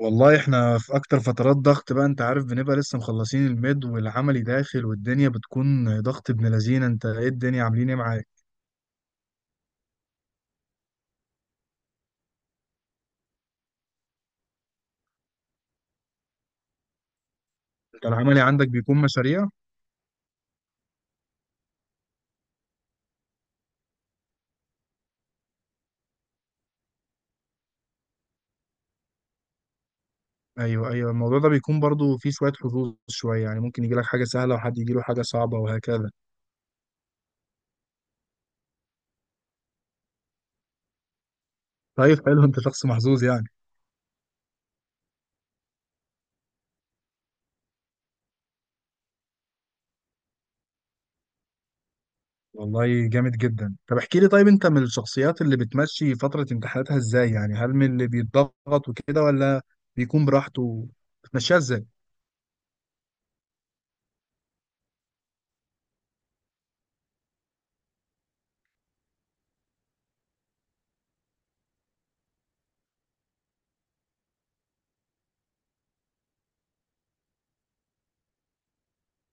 والله احنا في اكتر فترات ضغط بقى، انت عارف بنبقى لسه مخلصين الميد والعملي داخل والدنيا بتكون ضغط ابن لذينه. انت ايه الدنيا عاملين ايه معاك؟ انت العملي عندك بيكون مشاريع؟ ايوه ايوه، الموضوع ده بيكون برضو فيه شويه حظوظ شويه، يعني ممكن يجي لك حاجه سهله وحد يجي له حاجه صعبه وهكذا. طيب حلو، انت شخص محظوظ يعني. والله جامد جدا. طب احكي لي طيب، انت من الشخصيات اللي بتمشي فتره امتحاناتها ازاي؟ يعني هل من اللي بيتضغط وكده ولا بيكون براحته؟ بتمشيها ازاي؟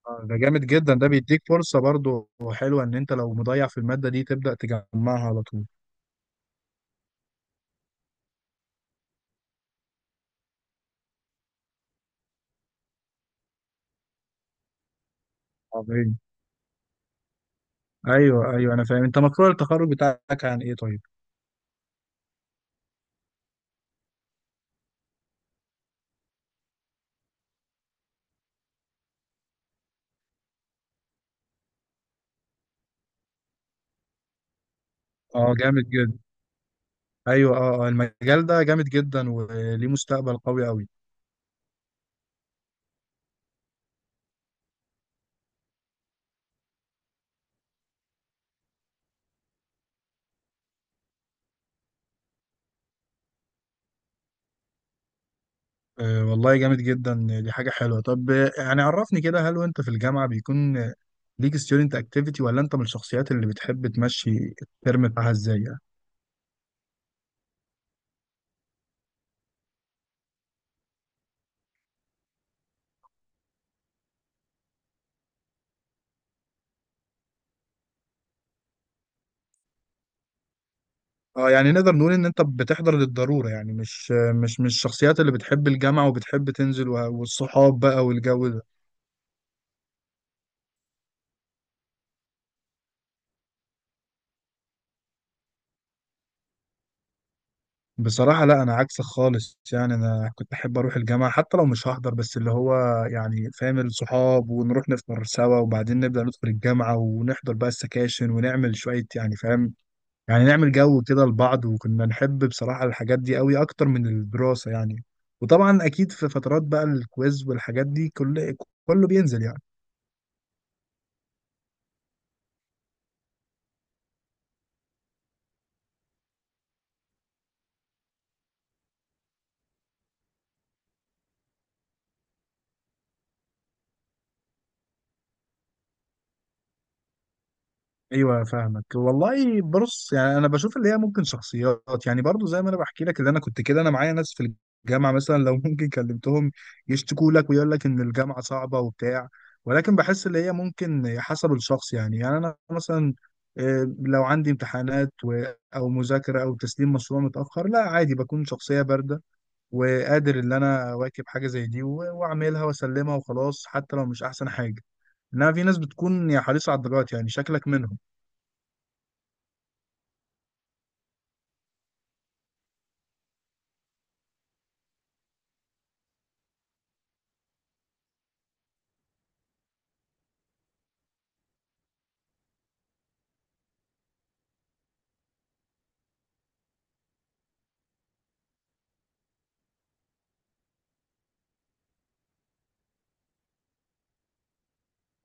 ده جامد جدا، ده بيديك فرصة برضو حلوة ان انت لو مضيع في المادة دي تبدأ تجمعها على طول. عظيم. ايوه ايوه انا فاهم. انت مشروع التخرج بتاعك عن ايه طيب؟ اه جامد جدا. ايوه اه، المجال ده جامد جدا وليه مستقبل قوي قوي. آه والله جامد جدا، دي حاجة حلوة. طب يعني عرفني كده، هل وانت في الجامعة بيكون ليك ستودنت اكتيفيتي، ولا انت من الشخصيات اللي بتحب تمشي الترم بتاعها ازاي يعني؟ اه، يعني نقدر نقول ان انت بتحضر للضرورة، يعني مش الشخصيات اللي بتحب الجامعة وبتحب تنزل والصحاب بقى والجو ده. بصراحة لا، انا عكسك خالص. يعني انا كنت احب اروح الجامعة حتى لو مش هحضر، بس اللي هو يعني فاهم، الصحاب ونروح نفطر سوا وبعدين نبدأ ندخل الجامعة ونحضر بقى السكاشن ونعمل شوية يعني فاهم. يعني نعمل جو كده لبعض، وكنا نحب بصراحة الحاجات دي قوي اكتر من الدراسة يعني. وطبعا اكيد في فترات بقى الكويز والحاجات دي كل كله بينزل يعني. ايوه فاهمك والله. بص يعني انا بشوف اللي هي ممكن شخصيات يعني برضو، زي ما انا بحكي لك اللي انا كنت كده، انا معايا ناس في الجامعه مثلا لو ممكن كلمتهم يشتكوا لك ويقول لك ان الجامعه صعبه وبتاع، ولكن بحس اللي هي ممكن حسب الشخص يعني. يعني انا مثلا لو عندي امتحانات او مذاكره او تسليم مشروع متاخر، لا عادي، بكون شخصيه بارده وقادر ان انا اواكب حاجه زي دي واعملها واسلمها وخلاص، حتى لو مش احسن حاجه. انما في ناس بتكون يا حريصه على الدرجات، يعني شكلك منهم.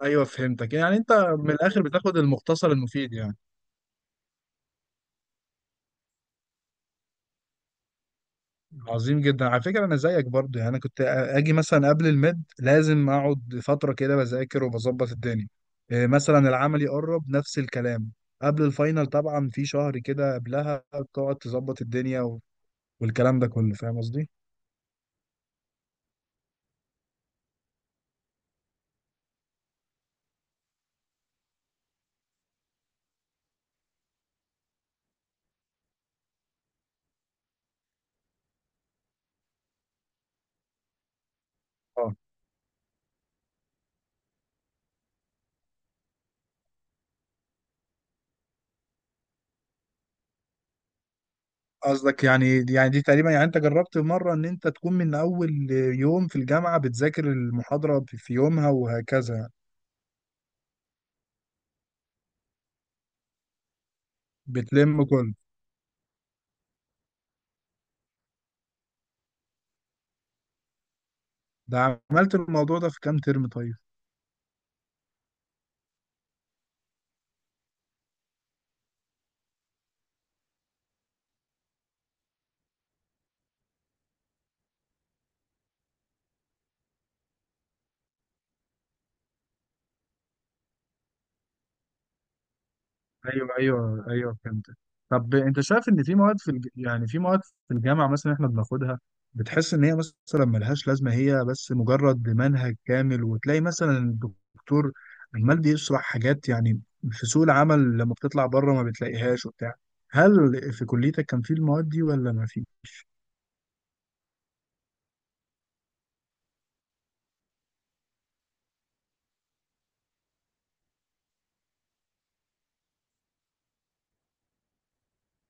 ايوه فهمتك. يعني انت من الاخر بتاخد المختصر المفيد يعني. عظيم جدا، على فكره انا زيك برضو. يعني انا كنت اجي مثلا قبل الميد لازم اقعد فتره كده بذاكر وبظبط الدنيا. إيه مثلا العمل يقرب نفس الكلام، قبل الفاينل طبعا في شهر كده قبلها بتقعد تظبط الدنيا والكلام ده كله، فاهم قصدي. اه قصدك يعني، يعني دي تقريبا يعني انت جربت مره ان انت تكون من اول يوم في الجامعه بتذاكر المحاضره في يومها وهكذا يعني. بتلم كله. ده عملت الموضوع ده في كام ترم طيب؟ ايوه ايوه ايوه فهمت. طب انت شايف ان في مواد يعني في مواد في الجامعه مثلا احنا بناخدها، بتحس ان هي مثلا ملهاش لازمه، هي بس مجرد منهج كامل، وتلاقي مثلا الدكتور عمال بيشرح حاجات يعني في سوق العمل لما بتطلع بره ما بتلاقيهاش وبتاع. هل في كليتك كان في المواد دي ولا ما في؟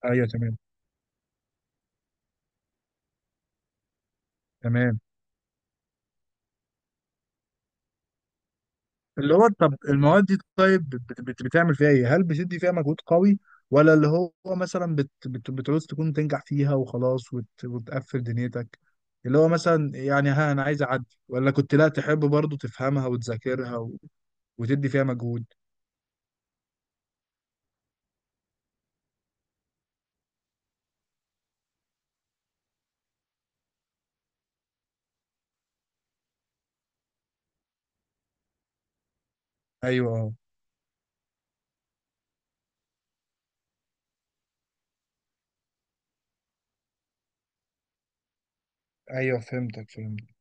ايوه تمام. تمام. اللي هو طب المواد دي طيب بتعمل فيها ايه؟ هل بتدي فيها مجهود قوي، ولا اللي هو مثلا بت بت بتعوز تكون تنجح فيها وخلاص وتقفل دنيتك؟ اللي هو مثلا يعني ها، انا عايز اعدي، ولا كنت لا تحب برضو تفهمها وتذاكرها وتدي فيها مجهود؟ ايوه اه. ايوه فهمتك فهمتك.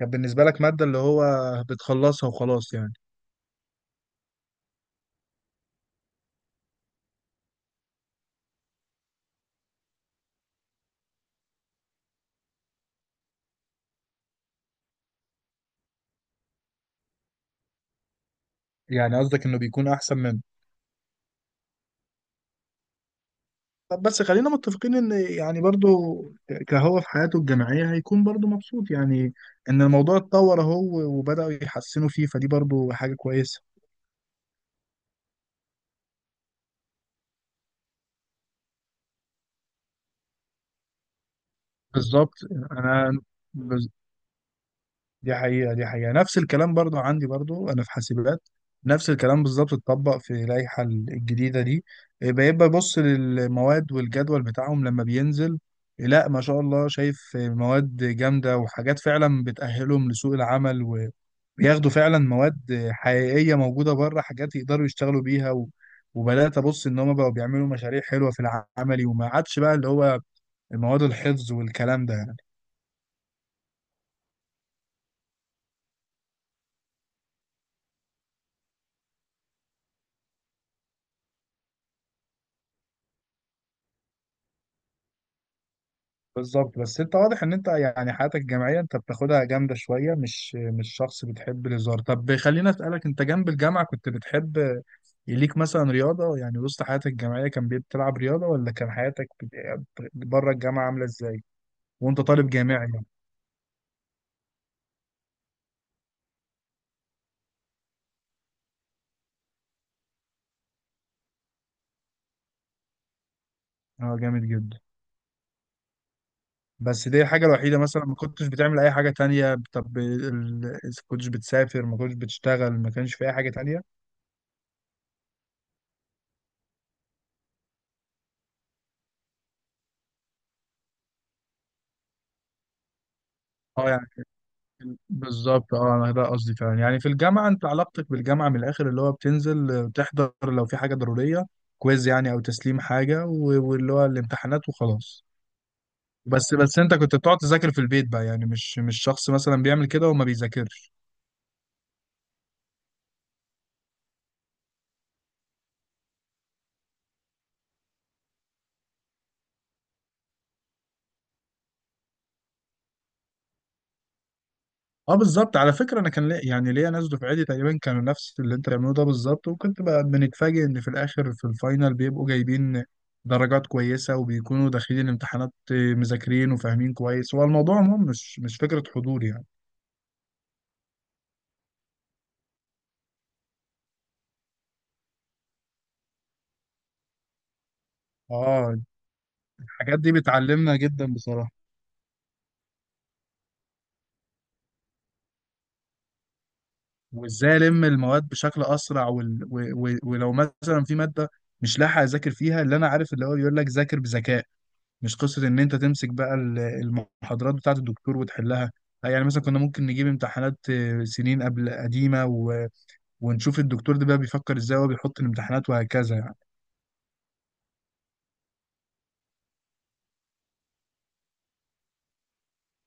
كان بالنسبة لك مادة اللي هو بتخلصها وخلاص يعني. يعني قصدك انه بيكون احسن منه. طب بس خلينا متفقين ان يعني برضو كهو في حياته الجامعيه هيكون برضو مبسوط يعني، ان الموضوع اتطور اهو وبداوا يحسنوا فيه، فدي برضو حاجه كويسه. بالظبط، انا دي حقيقة، دي حقيقة نفس الكلام برضو عندي، برضو أنا في حاسبات نفس الكلام بالظبط اتطبق في اللائحة الجديدة دي. بيبقى يبص للمواد والجدول بتاعهم لما بينزل، لا ما شاء الله، شايف مواد جامدة وحاجات فعلا بتأهلهم لسوق العمل، وبياخدوا فعلا مواد حقيقية موجودة بره، حاجات يقدروا يشتغلوا بيها وبدأت أبص إن هما بقوا بيعملوا مشاريع حلوة في العملي، وما عادش بقى اللي هو مواد الحفظ والكلام ده يعني. بالظبط. بس انت واضح ان انت يعني حياتك الجامعيه انت بتاخدها جامده شويه، مش شخص بتحب الهزار. طب خليني اسالك، انت جنب الجامعه كنت بتحب يليك مثلا رياضه؟ يعني وسط حياتك الجامعيه كان بتلعب رياضه، ولا كان حياتك بره الجامعه عامله ازاي وانت طالب جامعي يعني؟ اه جامد جدا. بس دي الحاجه الوحيده مثلا؟ ما كنتش بتعمل اي حاجه تانية؟ طب كنتش بتسافر؟ ما كنتش بتشتغل؟ ما كانش في اي حاجه تانية؟ اه يعني بالظبط اه، انا ده قصدي فعلا. يعني في الجامعه انت علاقتك بالجامعه من الاخر اللي هو بتنزل تحضر لو في حاجه ضروريه، كويز يعني او تسليم حاجه واللي هو الامتحانات وخلاص. بس انت كنت بتقعد تذاكر في البيت بقى يعني؟ مش شخص مثلا بيعمل كده وما بيذاكرش؟ اه بالظبط، على فكره انا كان لي يعني ليا ناس دفعتي تقريبا كانوا نفس اللي انت بتعمله ده بالظبط، وكنت بقى بنتفاجئ ان في الاخر في الفاينل بيبقوا جايبين درجات كويسه، وبيكونوا داخلين الامتحانات مذاكرين وفاهمين كويس. هو الموضوع عموما مش فكره حضور يعني. اه، الحاجات دي بتعلمنا جدا بصراحة. وازاي الم المواد بشكل اسرع ولو مثلا في مادة مش لاحق اذاكر فيها، اللي انا عارف اللي هو بيقول لك ذاكر بذكاء، مش قصة ان انت تمسك بقى المحاضرات بتاعة الدكتور وتحلها. يعني مثلا كنا ممكن نجيب امتحانات سنين قبل قديمة ونشوف الدكتور ده بقى بيفكر ازاي وهو بيحط الامتحانات وهكذا يعني.